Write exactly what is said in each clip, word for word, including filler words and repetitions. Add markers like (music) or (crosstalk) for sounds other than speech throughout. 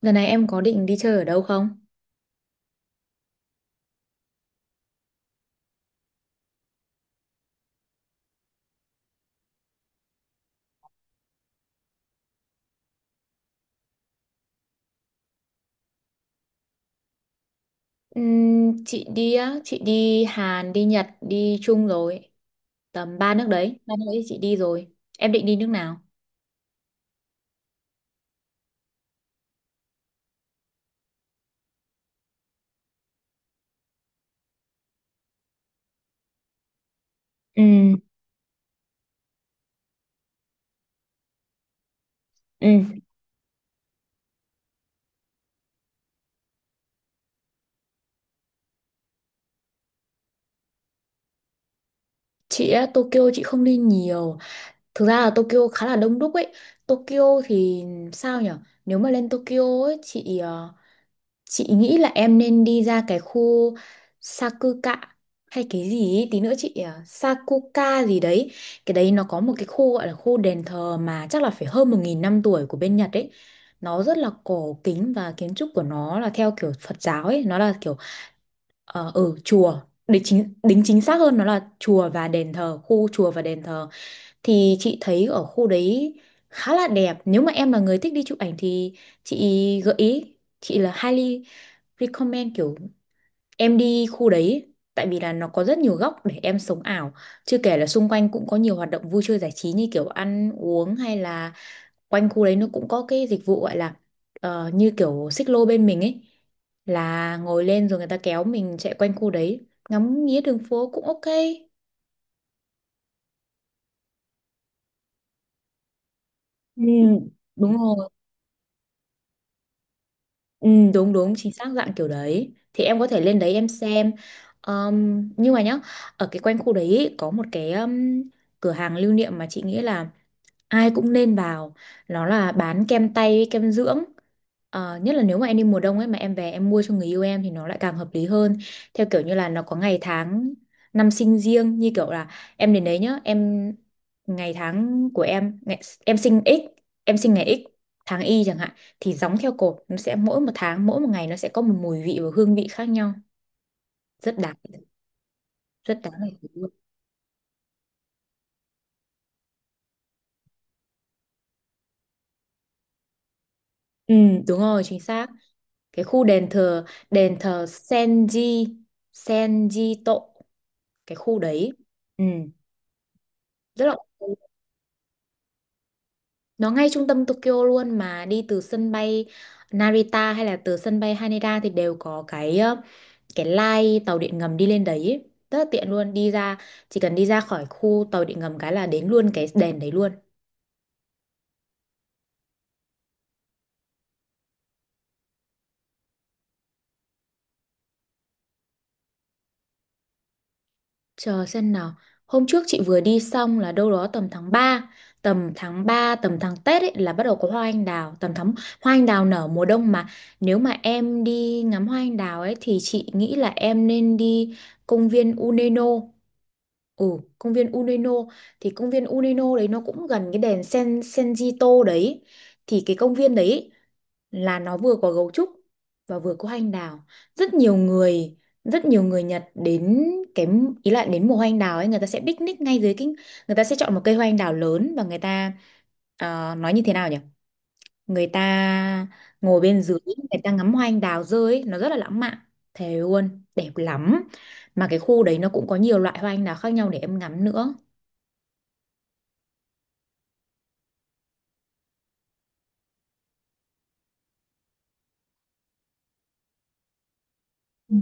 Lần này em có định đi chơi ở đâu không? Ừm, chị đi á, chị đi Hàn, đi Nhật, đi Trung rồi. Tầm ba nước đấy, ba nước đấy chị đi rồi. Em định đi nước nào? Ừ, ừ. Chị á, Tokyo chị không đi nhiều. Thực ra là Tokyo khá là đông đúc ấy. Tokyo thì sao nhở? Nếu mà lên Tokyo ấy, chị ờ, Chị nghĩ là em nên đi ra cái khu Sakuka hay cái gì ý, tí nữa chị à, Sakuka gì đấy. Cái đấy nó có một cái khu gọi là khu đền thờ mà chắc là phải hơn một nghìn năm tuổi của bên Nhật ấy. Nó rất là cổ kính và kiến trúc của nó là theo kiểu Phật giáo ấy, nó là kiểu ở ừ, chùa, để chính đính chính xác hơn nó là chùa và đền thờ, khu chùa và đền thờ thì chị thấy ở khu đấy khá là đẹp. Nếu mà em là người thích đi chụp ảnh thì chị gợi ý chị là highly recommend kiểu em đi khu đấy, tại vì là nó có rất nhiều góc để em sống ảo, chưa kể là xung quanh cũng có nhiều hoạt động vui chơi giải trí như kiểu ăn uống, hay là quanh khu đấy nó cũng có cái dịch vụ gọi là ờ, như kiểu xích lô bên mình ấy, là ngồi lên rồi người ta kéo mình chạy quanh khu đấy ngắm nghía đường phố cũng ok. Ừ, đúng rồi. Ừ, đúng đúng chính xác dạng kiểu đấy thì em có thể lên đấy em xem. Ờm, nhưng mà nhá, ở cái quanh khu đấy ý, có một cái ừm, cửa hàng lưu niệm mà chị nghĩ là ai cũng nên vào, nó là bán kem tay với kem dưỡng. Ờ, nhất là nếu mà em đi mùa đông ấy mà em về em mua cho người yêu em thì nó lại càng hợp lý hơn, theo kiểu như là nó có ngày tháng năm sinh riêng, như kiểu là em đến đấy nhá, em ngày tháng của em ngày, em sinh x em sinh ngày x tháng y chẳng hạn, thì gióng theo cột nó sẽ mỗi một tháng mỗi một ngày nó sẽ có một mùi vị và hương vị khác nhau, rất đáng rất đáng để thử luôn. Ừ, đúng rồi, chính xác. Cái khu đền thờ, đền thờ Senji Senjito, cái khu đấy. Ừ, rất là ok. Nó ngay trung tâm Tokyo luôn mà đi từ sân bay Narita hay là từ sân bay Haneda thì đều có cái ờ, cái line tàu điện ngầm đi lên đấy ấy. Rất là tiện luôn, đi ra chỉ cần đi ra khỏi khu tàu điện ngầm cái là đến luôn cái đền đấy luôn. Chờ xem nào. Hôm trước chị vừa đi xong là đâu đó tầm tháng ba tầm tháng ba tầm tháng Tết ấy là bắt đầu có hoa anh đào, tầm tháng hoa anh đào nở mùa đông mà. Nếu mà em đi ngắm hoa anh đào ấy thì chị nghĩ là em nên đi công viên Uneno. Ừ, công viên Uneno thì công viên Uneno đấy nó cũng gần cái đèn Sen Senjito đấy. Thì cái công viên đấy là nó vừa có gấu trúc và vừa có anh đào, rất nhiều người rất nhiều người Nhật đến, cái ý là đến mùa hoa anh đào ấy người ta sẽ picnic ngay dưới cái, người ta sẽ chọn một cây hoa anh đào lớn và người ta ờ, nói như thế nào nhỉ, người ta ngồi bên dưới, người ta ngắm hoa anh đào rơi ấy, nó rất là lãng mạn, thề luôn đẹp lắm, mà cái khu đấy nó cũng có nhiều loại hoa anh đào khác nhau để em ngắm nữa. Ừ,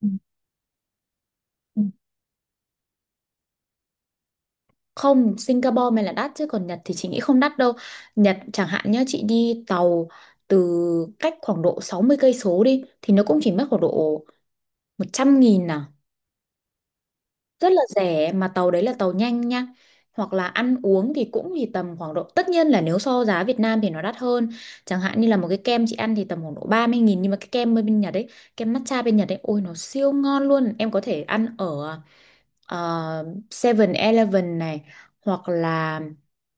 ừ, ừ. Không, Singapore mới là đắt chứ còn Nhật thì chị nghĩ không đắt đâu. Nhật chẳng hạn nhá, chị đi tàu từ cách khoảng độ sáu mươi cây số đi thì nó cũng chỉ mất khoảng độ một trăm nghìn à, rất là rẻ mà tàu đấy là tàu nhanh nha. Hoặc là ăn uống thì cũng thì tầm khoảng độ, tất nhiên là nếu so giá Việt Nam thì nó đắt hơn, chẳng hạn như là một cái kem chị ăn thì tầm khoảng độ ba mươi nghìn, nhưng mà cái kem bên Nhật ấy, kem matcha bên Nhật ấy, ôi nó siêu ngon luôn. Em có thể ăn ở ờ, Seven eleven này, hoặc là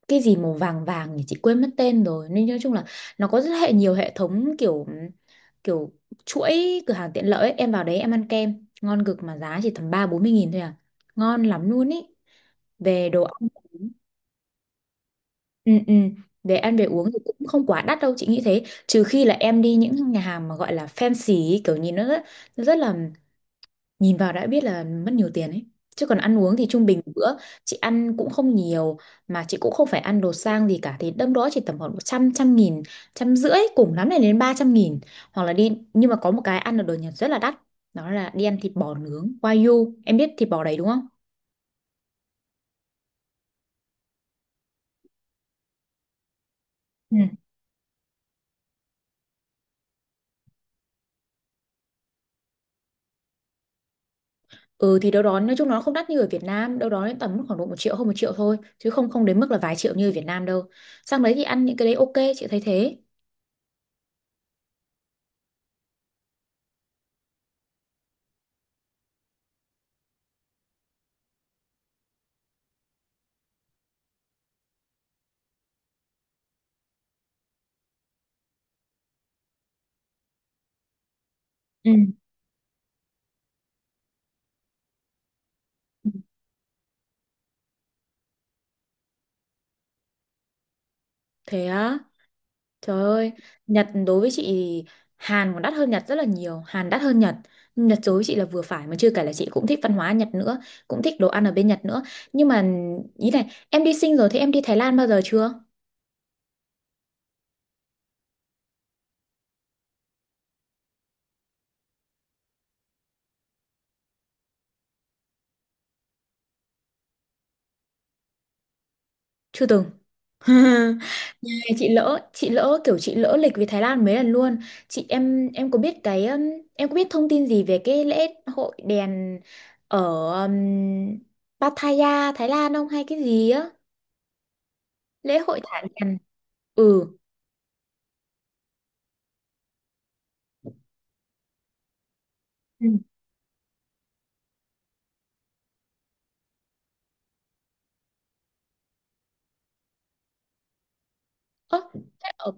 cái gì màu vàng vàng nhỉ, chị quên mất tên rồi, nên nói chung là nó có rất hệ nhiều hệ thống kiểu kiểu chuỗi cửa hàng tiện lợi ấy. Em vào đấy em ăn kem ngon cực mà giá chỉ tầm ba bốn mươi nghìn thôi à, ngon lắm luôn ý, về đồ ăn. Ừ, ừ. Về ăn về uống thì cũng không quá đắt đâu, chị nghĩ thế, trừ khi là em đi những nhà hàng mà gọi là fancy ý, kiểu nhìn nó rất, nó rất là nhìn vào đã biết là mất nhiều tiền ấy, chứ còn ăn uống thì trung bình một bữa chị ăn cũng không nhiều mà chị cũng không phải ăn đồ sang gì cả thì đâm đó chỉ tầm khoảng một trăm trăm nghìn trăm rưỡi cùng lắm này đến ba trăm nghìn, hoặc là đi nhưng mà có một cái ăn ở đồ Nhật rất là đắt, đó là đi ăn thịt bò nướng Wagyu, em biết thịt bò đấy đúng không. Ừ. Ừ thì đâu đó nói chung nó không đắt như ở Việt Nam đâu, đó đến tầm khoảng độ một triệu hơn một triệu thôi chứ không, không đến mức là vài triệu như ở Việt Nam đâu. Sang đấy thì ăn những cái đấy ok, chị thấy thế. Ừ. Thế á? Trời ơi, Nhật đối với chị thì Hàn còn đắt hơn Nhật rất là nhiều, Hàn đắt hơn Nhật. Nhật đối với chị là vừa phải mà chưa kể là chị cũng thích văn hóa Nhật nữa, cũng thích đồ ăn ở bên Nhật nữa. Nhưng mà ý này, em đi sinh rồi thì em đi Thái Lan bao giờ chưa? Chưa từng. (laughs) Này, chị lỡ, chị lỡ kiểu chị lỡ lịch về Thái Lan mấy lần luôn. Chị em em có biết cái um, em có biết thông tin gì về cái lễ hội đèn ở um, Pattaya Thái Lan không hay cái gì á? Lễ hội thả đèn. Ừ. Ơ, thế ở,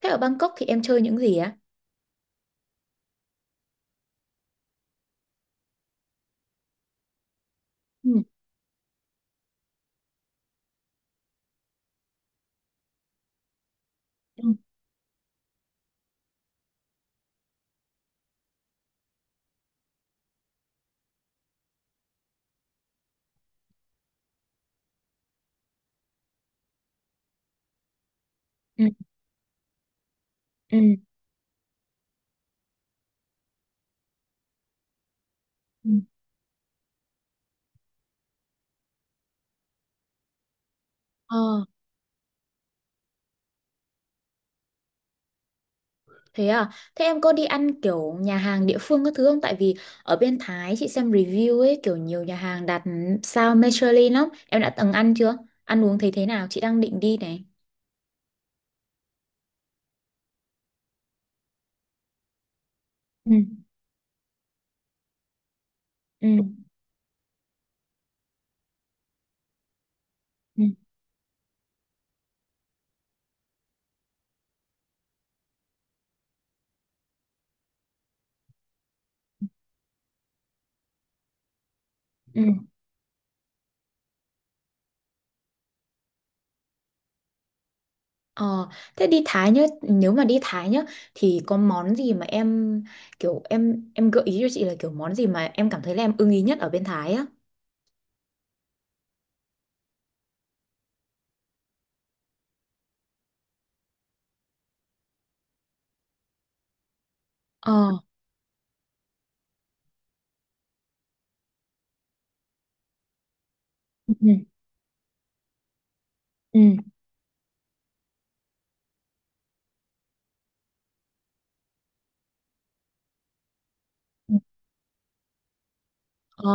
thế ở Bangkok thì em chơi những gì á? Ừ. Ừ. Ừ. Ừ. Ừ. Ờ, thế à? Thế em có đi ăn kiểu nhà hàng địa phương các thứ không? Tại vì ở bên Thái chị xem review ấy, kiểu nhiều nhà hàng đặt sao Michelin lắm. Em đã từng ăn chưa? Ăn uống thấy thế nào? Chị đang định đi này. Ừ. Ừ. Ừ. Ừ. Ờ, thế đi Thái nhá, nếu mà đi Thái nhá thì có món gì mà em kiểu em em gợi ý cho chị là kiểu món gì mà em cảm thấy là em ưng ý nhất ở bên Thái á? Ờ. Ừ. Ờ,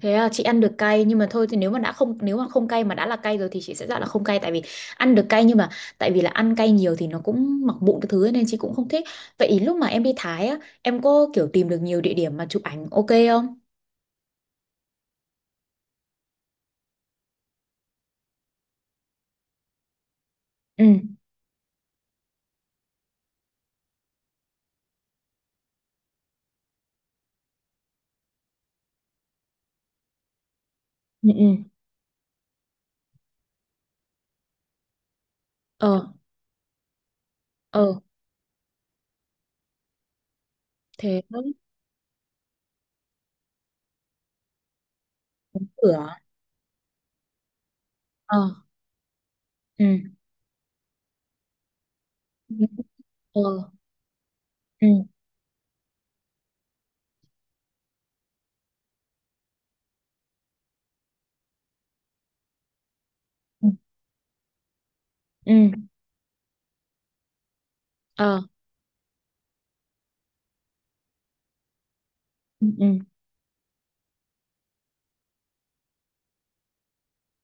thế là chị ăn được cay nhưng mà thôi thì nếu mà đã không nếu mà không cay mà đã là cay rồi thì chị sẽ dặn là không cay, tại vì ăn được cay nhưng mà tại vì là ăn cay nhiều thì nó cũng mọc mụn cái thứ ấy, nên chị cũng không thích. Vậy ý lúc mà em đi Thái á, em có kiểu tìm được nhiều địa điểm mà chụp ảnh ok không? Ừ. Ừ, ừ. Ờ, ờ, thế đó. Cửa. Ờ. Ừ. Ờ. Ừ. Ừ. Ừ. Ờ. Ừ. Ừ.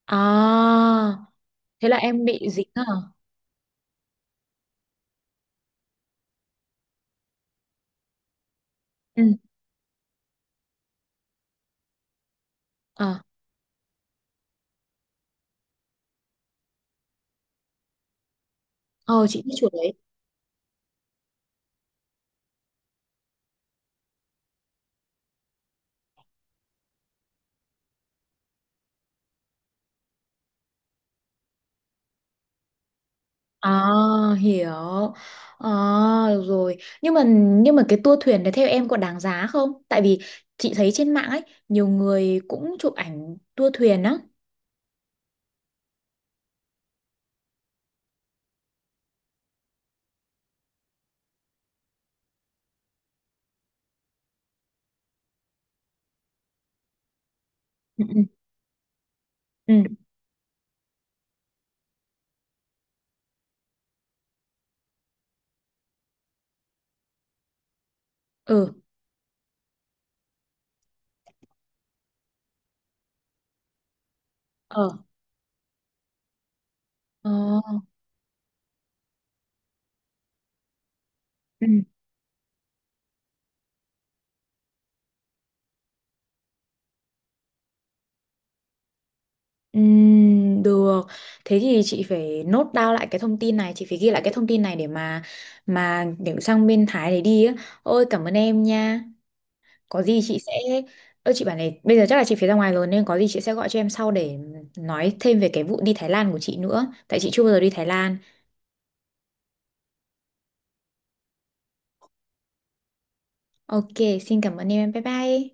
À, thế là em bị dính à? Ừ. Ờ. Ờ, chị biết chuột đấy. À, hiểu. À, được rồi. Nhưng mà nhưng mà cái tour thuyền đấy theo em có đáng giá không? Tại vì chị thấy trên mạng ấy nhiều người cũng chụp ảnh tour thuyền á. Ừ, ừ, ừ. Ờ. Ờ. Ừ. Ừ, được. Thế thì chị phải nốt down lại cái thông tin này, chị phải ghi lại cái thông tin này để mà mà để sang bên Thái để đi á. Ôi cảm ơn em nha. Có gì chị sẽ. Ơ chị bảo này bây giờ chắc là chị phải ra ngoài rồi nên có gì chị sẽ gọi cho em sau để nói thêm về cái vụ đi Thái Lan của chị nữa tại chị chưa bao giờ đi Thái Lan. Ok, xin cảm ơn em. Bye bye.